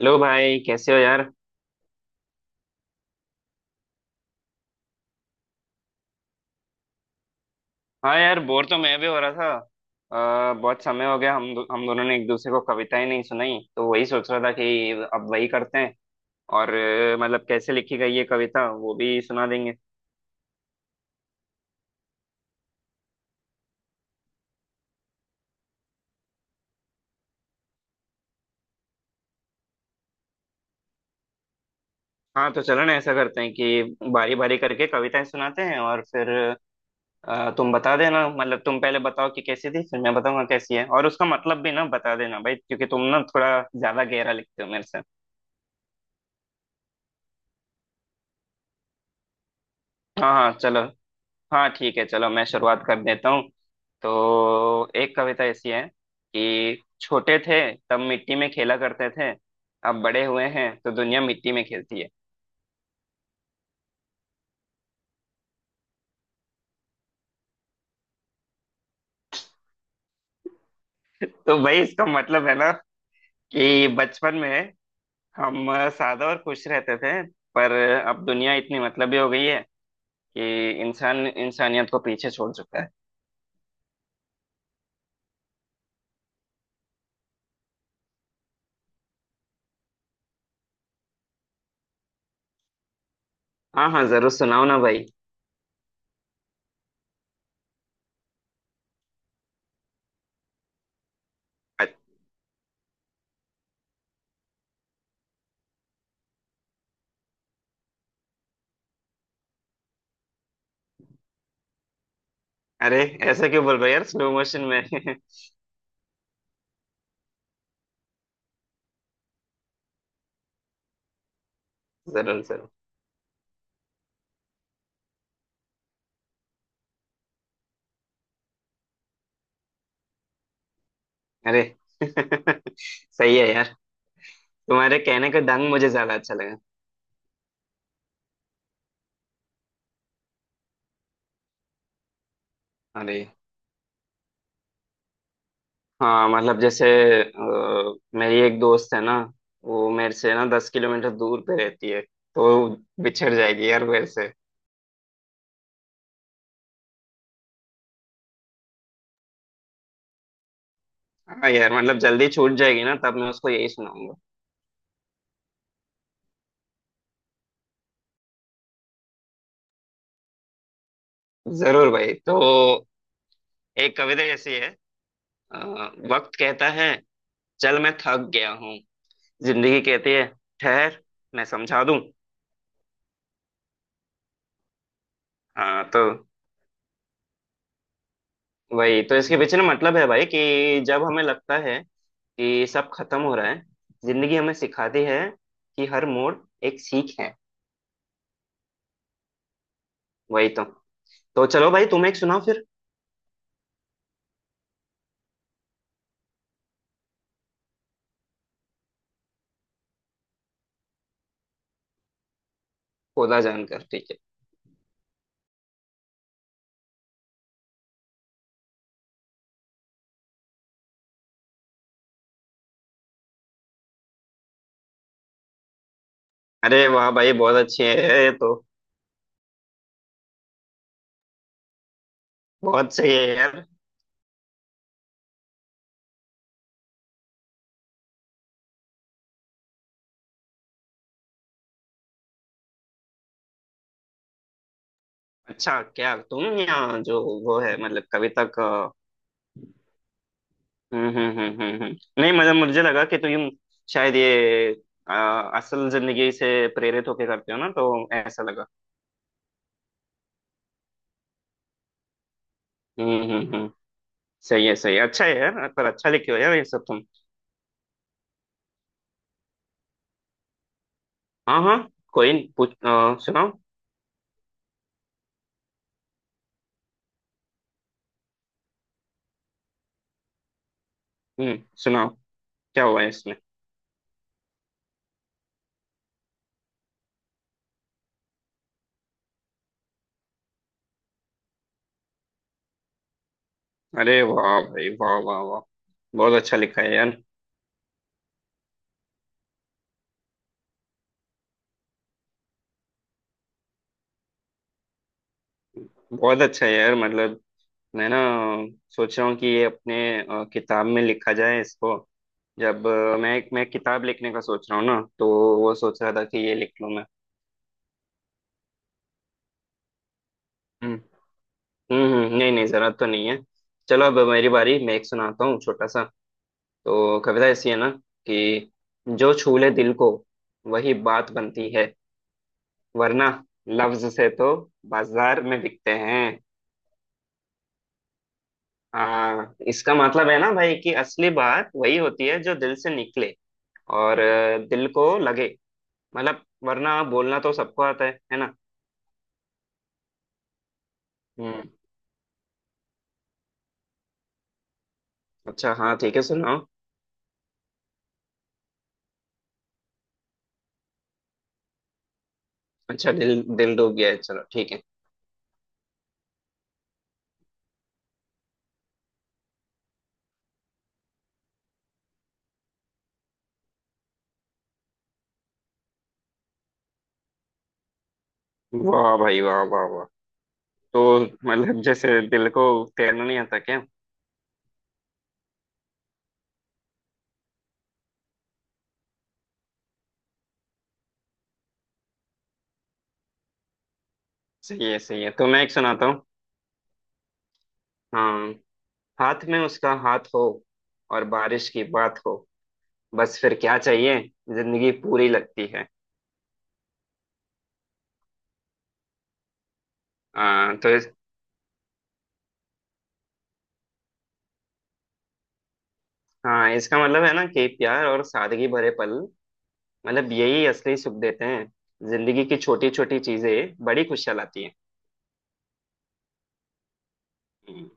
Hello भाई, कैसे हो यार। हाँ यार, बोर तो मैं भी हो रहा था। बहुत समय हो गया, हम दोनों ने एक दूसरे को कविताएं नहीं सुनाई, तो वही सोच रहा था कि अब वही करते हैं। और मतलब कैसे लिखी गई है कविता वो भी सुना देंगे। हाँ तो चलो ना, ऐसा करते हैं कि बारी बारी करके कविताएं सुनाते हैं, और फिर तुम बता देना। मतलब तुम पहले बताओ कि कैसी थी, फिर मैं बताऊंगा कैसी है। और उसका मतलब भी ना बता देना भाई, क्योंकि तुम ना थोड़ा ज्यादा गहरा लिखते हो मेरे से। हाँ हाँ चलो। हाँ ठीक है, चलो मैं शुरुआत कर देता हूँ। तो एक कविता ऐसी है कि छोटे थे तब मिट्टी में खेला करते थे, अब बड़े हुए हैं तो दुनिया मिट्टी में खेलती है। तो भाई इसका मतलब है ना कि बचपन में हम सादा और खुश रहते थे, पर अब दुनिया इतनी मतलबी हो गई है कि इंसान इंसानियत को पीछे छोड़ चुका है। हाँ हाँ, जरूर सुनाओ ना भाई। अ- अरे, ऐसा क्यों बोल रहे हो यार, स्लो मोशन में जरूर जरूर। अरे सही है यार। तुम्हारे कहने का ढंग मुझे ज्यादा अच्छा लगा। अरे हाँ, मतलब जैसे अ, मेरी एक दोस्त है ना, वो मेरे से ना 10 किलोमीटर दूर पे रहती है। तो बिछड़ जाएगी यार मेरे से। हाँ यार, मतलब जल्दी छूट जाएगी ना, तब मैं उसको यही सुनाऊंगा। जरूर भाई। तो एक कविता ऐसी है। अ, वक्त कहता है, चल मैं थक गया हूँ। जिंदगी कहती है, ठहर मैं समझा दूँ। हाँ तो वही तो इसके पीछे ना मतलब है भाई, कि जब हमें लगता है कि सब खत्म हो रहा है, जिंदगी हमें सिखाती है कि हर मोड़ एक सीख है। वही तो। तो चलो भाई, तुम एक सुनाओ फिर। खोदा जानकर, ठीक है। अरे वाह भाई, बहुत अच्छे है ये तो। बहुत सही है यार। अच्छा, क्या तुम या जो वो है मतलब कविता का। हम्म हम्म हम्म हम्म हम्म। नहीं मतलब मुझे लगा कि तुम शायद ये असल जिंदगी से प्रेरित होके करते हो ना, तो ऐसा लगा। हम्म। सही है सही है, अच्छा है यार, पर अच्छा लिखे हो यार ये सब तुम। हाँ हाँ। कोई नहीं, सुनाओ। हम्म। सुनाओ, क्या हुआ है इसमें। अरे वाह भाई, वाह वाह वाह। बहुत अच्छा लिखा है यार। बहुत अच्छा है यार, मतलब मैं ना सोच रहा हूँ कि ये अपने किताब में लिखा जाए इसको। जब मैं किताब लिखने का सोच रहा हूँ ना, तो वो सोच रहा था कि ये लिख लूँ मैं। हम्म नहीं नहीं, जरूरत तो नहीं है। चलो अब मेरी बारी, मैं एक सुनाता हूँ छोटा सा। तो कविता ऐसी है ना, कि जो छू ले दिल को वही बात बनती है, वरना लफ्ज से तो बाजार में बिकते हैं। हाँ, इसका मतलब है ना भाई, कि असली बात वही होती है जो दिल से निकले और दिल को लगे। मतलब वरना बोलना तो सबको आता है ना। हम्म। अच्छा हाँ ठीक है, सुनाओ। अच्छा, दिल दिल डूब गया है, चलो ठीक है। वाह भाई, वाह वाह वाह। तो मतलब जैसे दिल को तैरना नहीं आता क्या। सही है सही है, तो मैं एक सुनाता हूँ। हाँ, हाथ में उसका हाथ हो और बारिश की बात हो, बस फिर क्या चाहिए, जिंदगी पूरी लगती है। आ, तो इस, हाँ इसका मतलब है ना कि प्यार और सादगी भरे पल, मतलब यही असली सुख देते हैं। जिंदगी की छोटी छोटी चीजें बड़ी खुशियाँ लाती हैं। हम्म,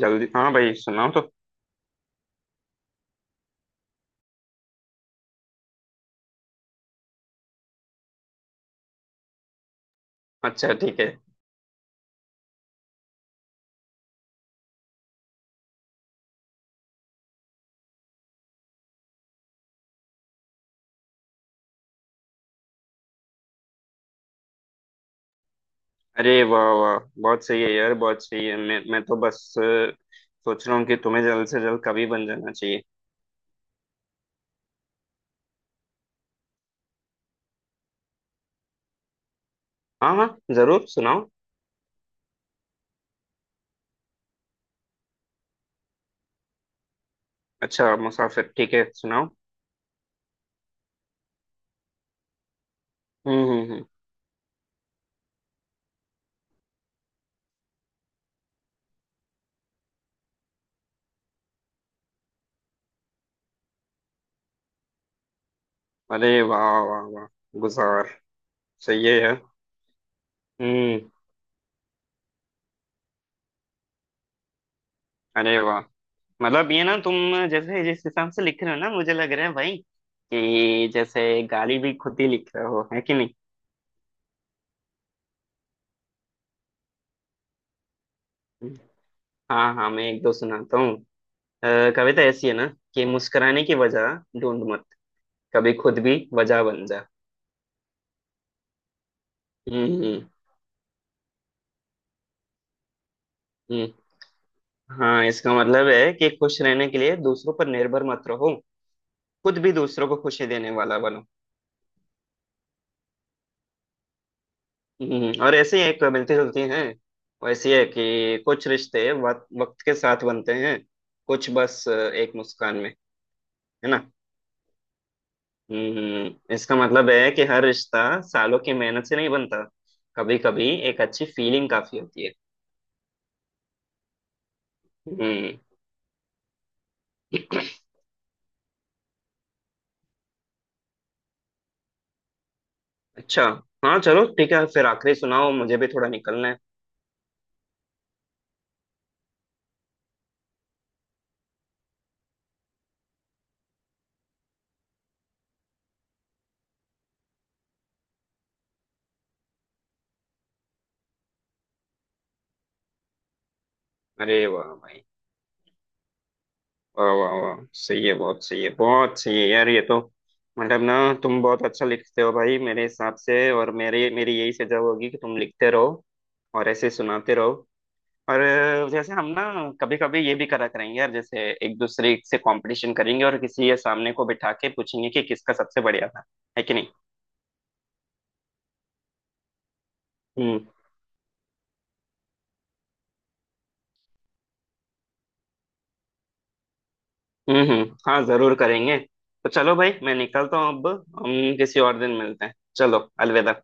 जल्दी हाँ भाई, सुनाओ तो। अच्छा ठीक है। अरे वाह वाह, बहुत सही है यार, बहुत सही है। मैं तो बस सोच रहा हूँ कि तुम्हें जल्द से जल्द कवि बन जाना चाहिए। हाँ हाँ, जरूर सुनाओ। अच्छा मुसाफिर, ठीक है सुनाओ। हम्म हम्म हम्म। अरे वाह वाह वाह, गुजार, सही है यार। हम्म। अरे वाह, मतलब ये ना तुम जैसे जिस हिसाब से लिख रहे हो ना, मुझे लग रहा है भाई कि जैसे गाली भी खुद ही लिख रहे हो, है कि नहीं। हम्म। हाँ हाँ, मैं एक दो सुनाता हूँ। कविता ऐसी है ना कि मुस्कुराने की वजह ढूंढ मत, कभी खुद भी वजह बन जा। हम्म हम्म हम्म। हाँ, इसका मतलब है कि खुश रहने के लिए दूसरों पर निर्भर मत रहो, खुद भी दूसरों को खुशी देने वाला बनो। और ऐसे ही एक मिलती जुलती हैं, वैसी है कि कुछ रिश्ते वक्त वक्त के साथ बनते हैं, कुछ बस एक मुस्कान में। है ना। हम्म, इसका मतलब है कि हर रिश्ता सालों की मेहनत से नहीं बनता, कभी कभी एक अच्छी फीलिंग काफी होती है। हम्म। अच्छा हाँ चलो ठीक है, फिर आखिरी सुनाओ, मुझे भी थोड़ा निकलना है। अरे वाह भाई, वाह वाह वाह, सही है, बहुत सही है, बहुत सही है यार ये तो। मतलब ना, तुम बहुत अच्छा लिखते हो भाई मेरे हिसाब से, और मेरे मेरी यही सजा होगी कि तुम लिखते रहो और ऐसे सुनाते रहो। और जैसे हम ना कभी कभी ये भी करा करेंगे यार, जैसे एक दूसरे से कंपटीशन करेंगे और किसी के सामने को बिठा के पूछेंगे कि किसका सबसे बढ़िया था, है कि नहीं। हम्म हम्म। हाँ जरूर करेंगे। तो चलो भाई, मैं निकलता हूँ अब। हम किसी और दिन मिलते हैं, चलो अलविदा।